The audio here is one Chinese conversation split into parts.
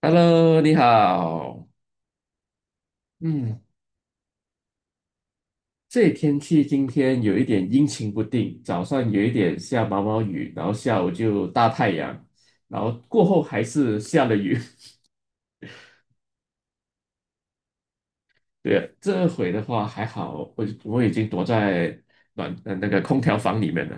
Hello，你好。嗯，这里天气今天有一点阴晴不定，早上有一点下毛毛雨，然后下午就大太阳，然后过后还是下了雨。对，这回的话还好，我已经躲在那个空调房里面了。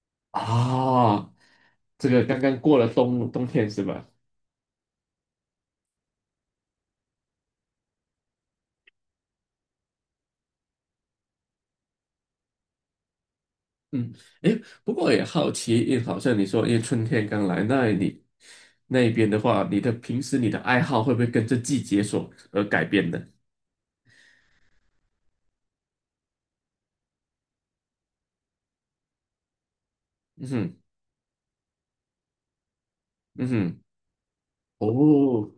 啊，这个刚刚过了冬天是吧？嗯，诶，不过也好奇，因为好像你说，因为春天刚来，那你那边的话，平时你的爱好会不会跟着季节所而改变呢？嗯哼，嗯哼，哦，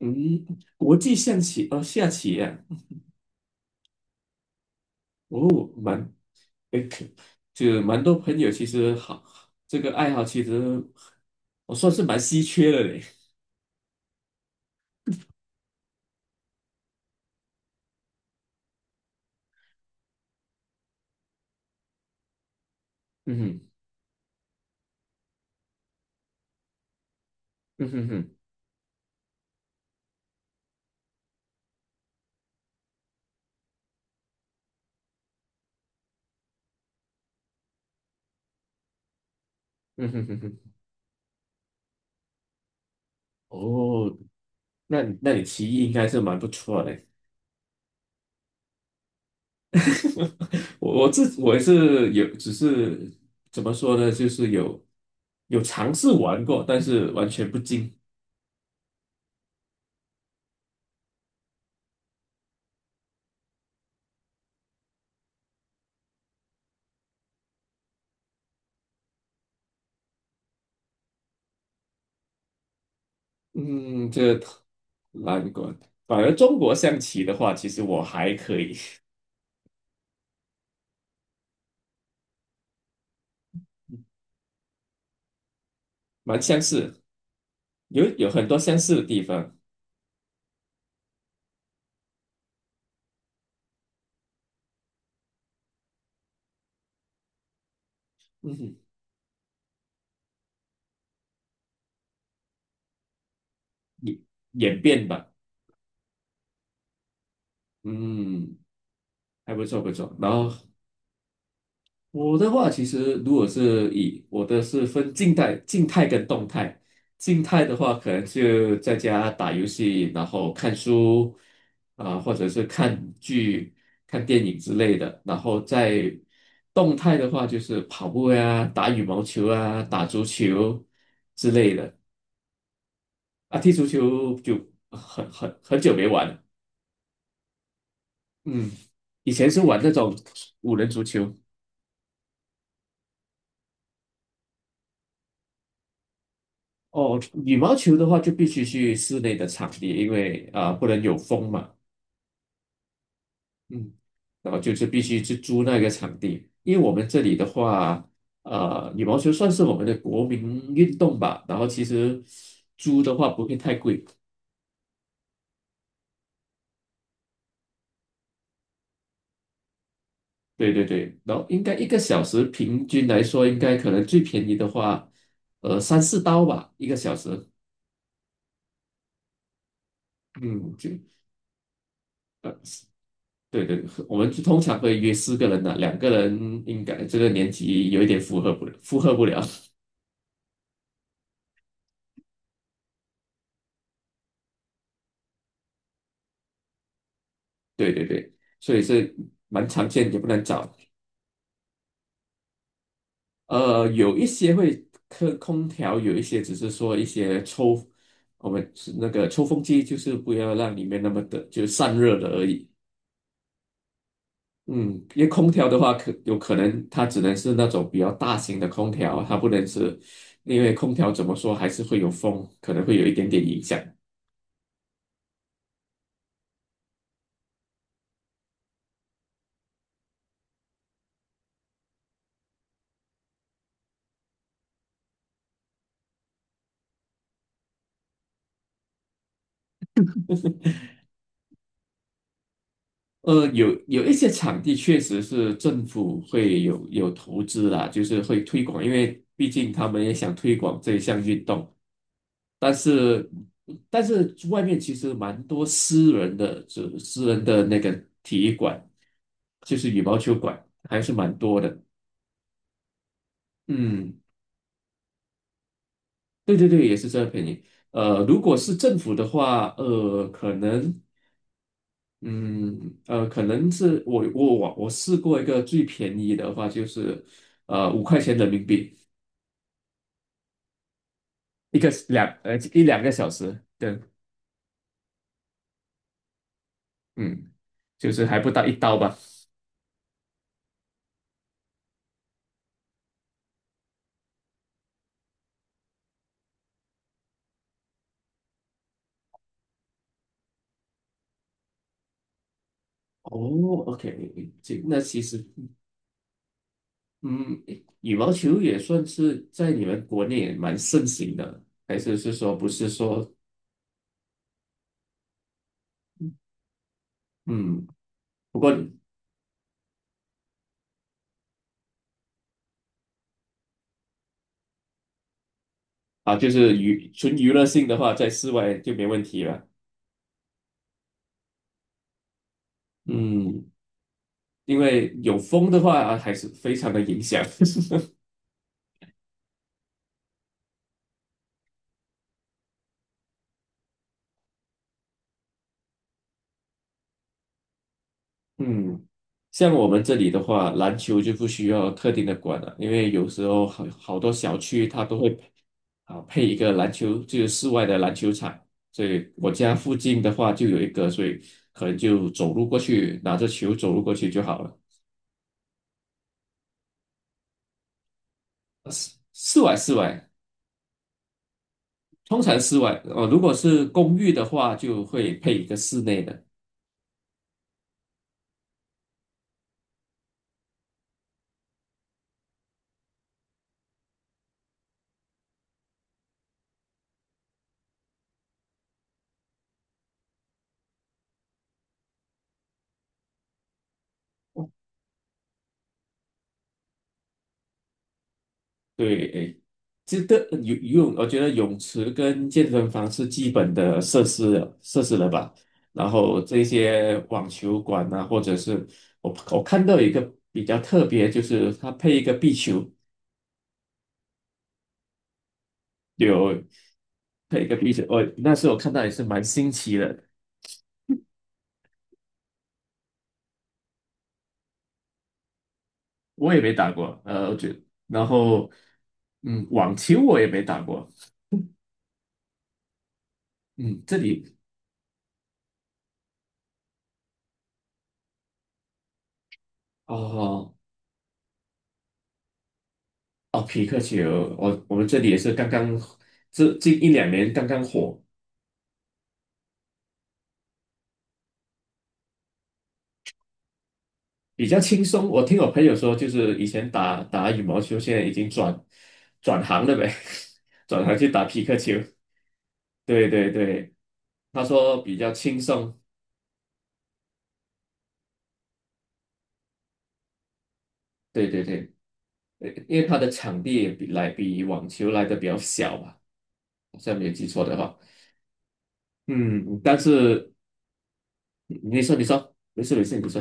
嗯，国际象棋哦，下棋啊，哦，蛮，诶，就蛮多朋友其实好，这个爱好其实我算是蛮稀缺的嘞。嗯哼，嗯哼哼，嗯哼哼哼，哦，那你棋艺应该是蛮不错的。我自我也是有，只是怎么说呢，就是有尝试玩过，但是完全不精。嗯，这难关。反而中国象棋的话，其实我还可以，蛮相似，有很多相似的地方。嗯，演演变吧，嗯，还不错不错。然后我的话，其实如果是以我的是分静态、静态跟动态。静态的话，可能就在家打游戏，然后看书啊、或者是看剧、看电影之类的。然后在动态的话，就是跑步呀、打羽毛球啊、打足球之类的。啊，踢足球就很久没玩了。嗯，以前是玩那种五人足球。哦，羽毛球的话就必须去室内的场地，因为不能有风嘛，嗯，然后就是必须去租那个场地，因为我们这里的话，呃，羽毛球算是我们的国民运动吧，然后其实租的话不会太贵，对对对，然后应该一个小时平均来说，应该可能最便宜的话，呃，三四刀吧，一个小时，嗯，就对对，我们就通常会约四个人的，两个人应该这个年纪有一点负荷不了，负荷不了。对对对，所以是蛮常见，也不能找。呃，有一些会空调，有一些只是说一些抽，我们是那个抽风机，就是不要让里面那么的就散热的而已。嗯，因为空调的话，可有可能它只能是那种比较大型的空调，它不能是，因为空调怎么说还是会有风，可能会有一点点影响。呃，有一些场地确实是政府会有投资啦，就是会推广，因为毕竟他们也想推广这项运动。但是，但是外面其实蛮多私人的，就私人的那个体育馆，就是羽毛球馆，还是蛮多的。嗯，对对对，也是这个便宜。呃，如果是政府的话，嗯，呃，可能是我试过一个最便宜的话，就是呃五块钱人民币一两个小时对，嗯，就是还不到一刀吧。哦，OK，这那其实嗯，羽毛球也算是在你们国内也蛮盛行的，还是是说不是说嗯，不过啊，就是纯娱乐性的话，在室外就没问题了。嗯，因为有风的话，啊还是非常的影响。嗯，像我们这里的话，篮球就不需要特定的馆了，因为有时候好多小区它都会配啊配一个篮球，就是室外的篮球场。所以我家附近的话就有一个，所以可能就走路过去，拿着球走路过去就好了。室外室外，通常室外，呃，如果是公寓的话，就会配一个室内的。对，诶，这个游泳，我觉得泳池跟健身房是基本的设施了吧。然后这些网球馆啊，或者是我看到有一个比较特别，就是它配一个壁球，有配一个壁球，我那时候我看到也是蛮新奇的，我也没打过，呃，我觉得，然后嗯，网球我也没打过，嗯，这里哦。哦，匹克球，我们这里也是刚刚这近一两年刚刚火，比较轻松。我听我朋友说，就是以前打羽毛球，现在已经转行了呗，转行去打匹克球。对对对，他说比较轻松。对对对，呃因为他的场地也比网球来的比较小吧，好像没有记错的话。嗯，但是你说你说，没事没事，你说，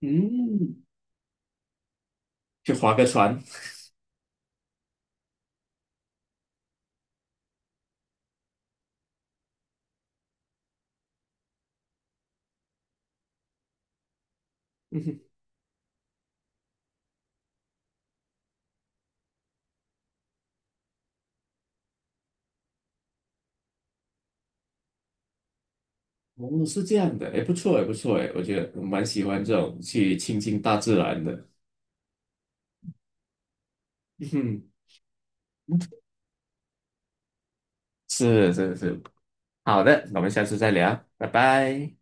嗯，去划个船。哦，是这样的，哎，不错，哎，不错，哎，我觉得我蛮喜欢这种去亲近大自然的。嗯，是是是，好的，那我们下次再聊，拜拜。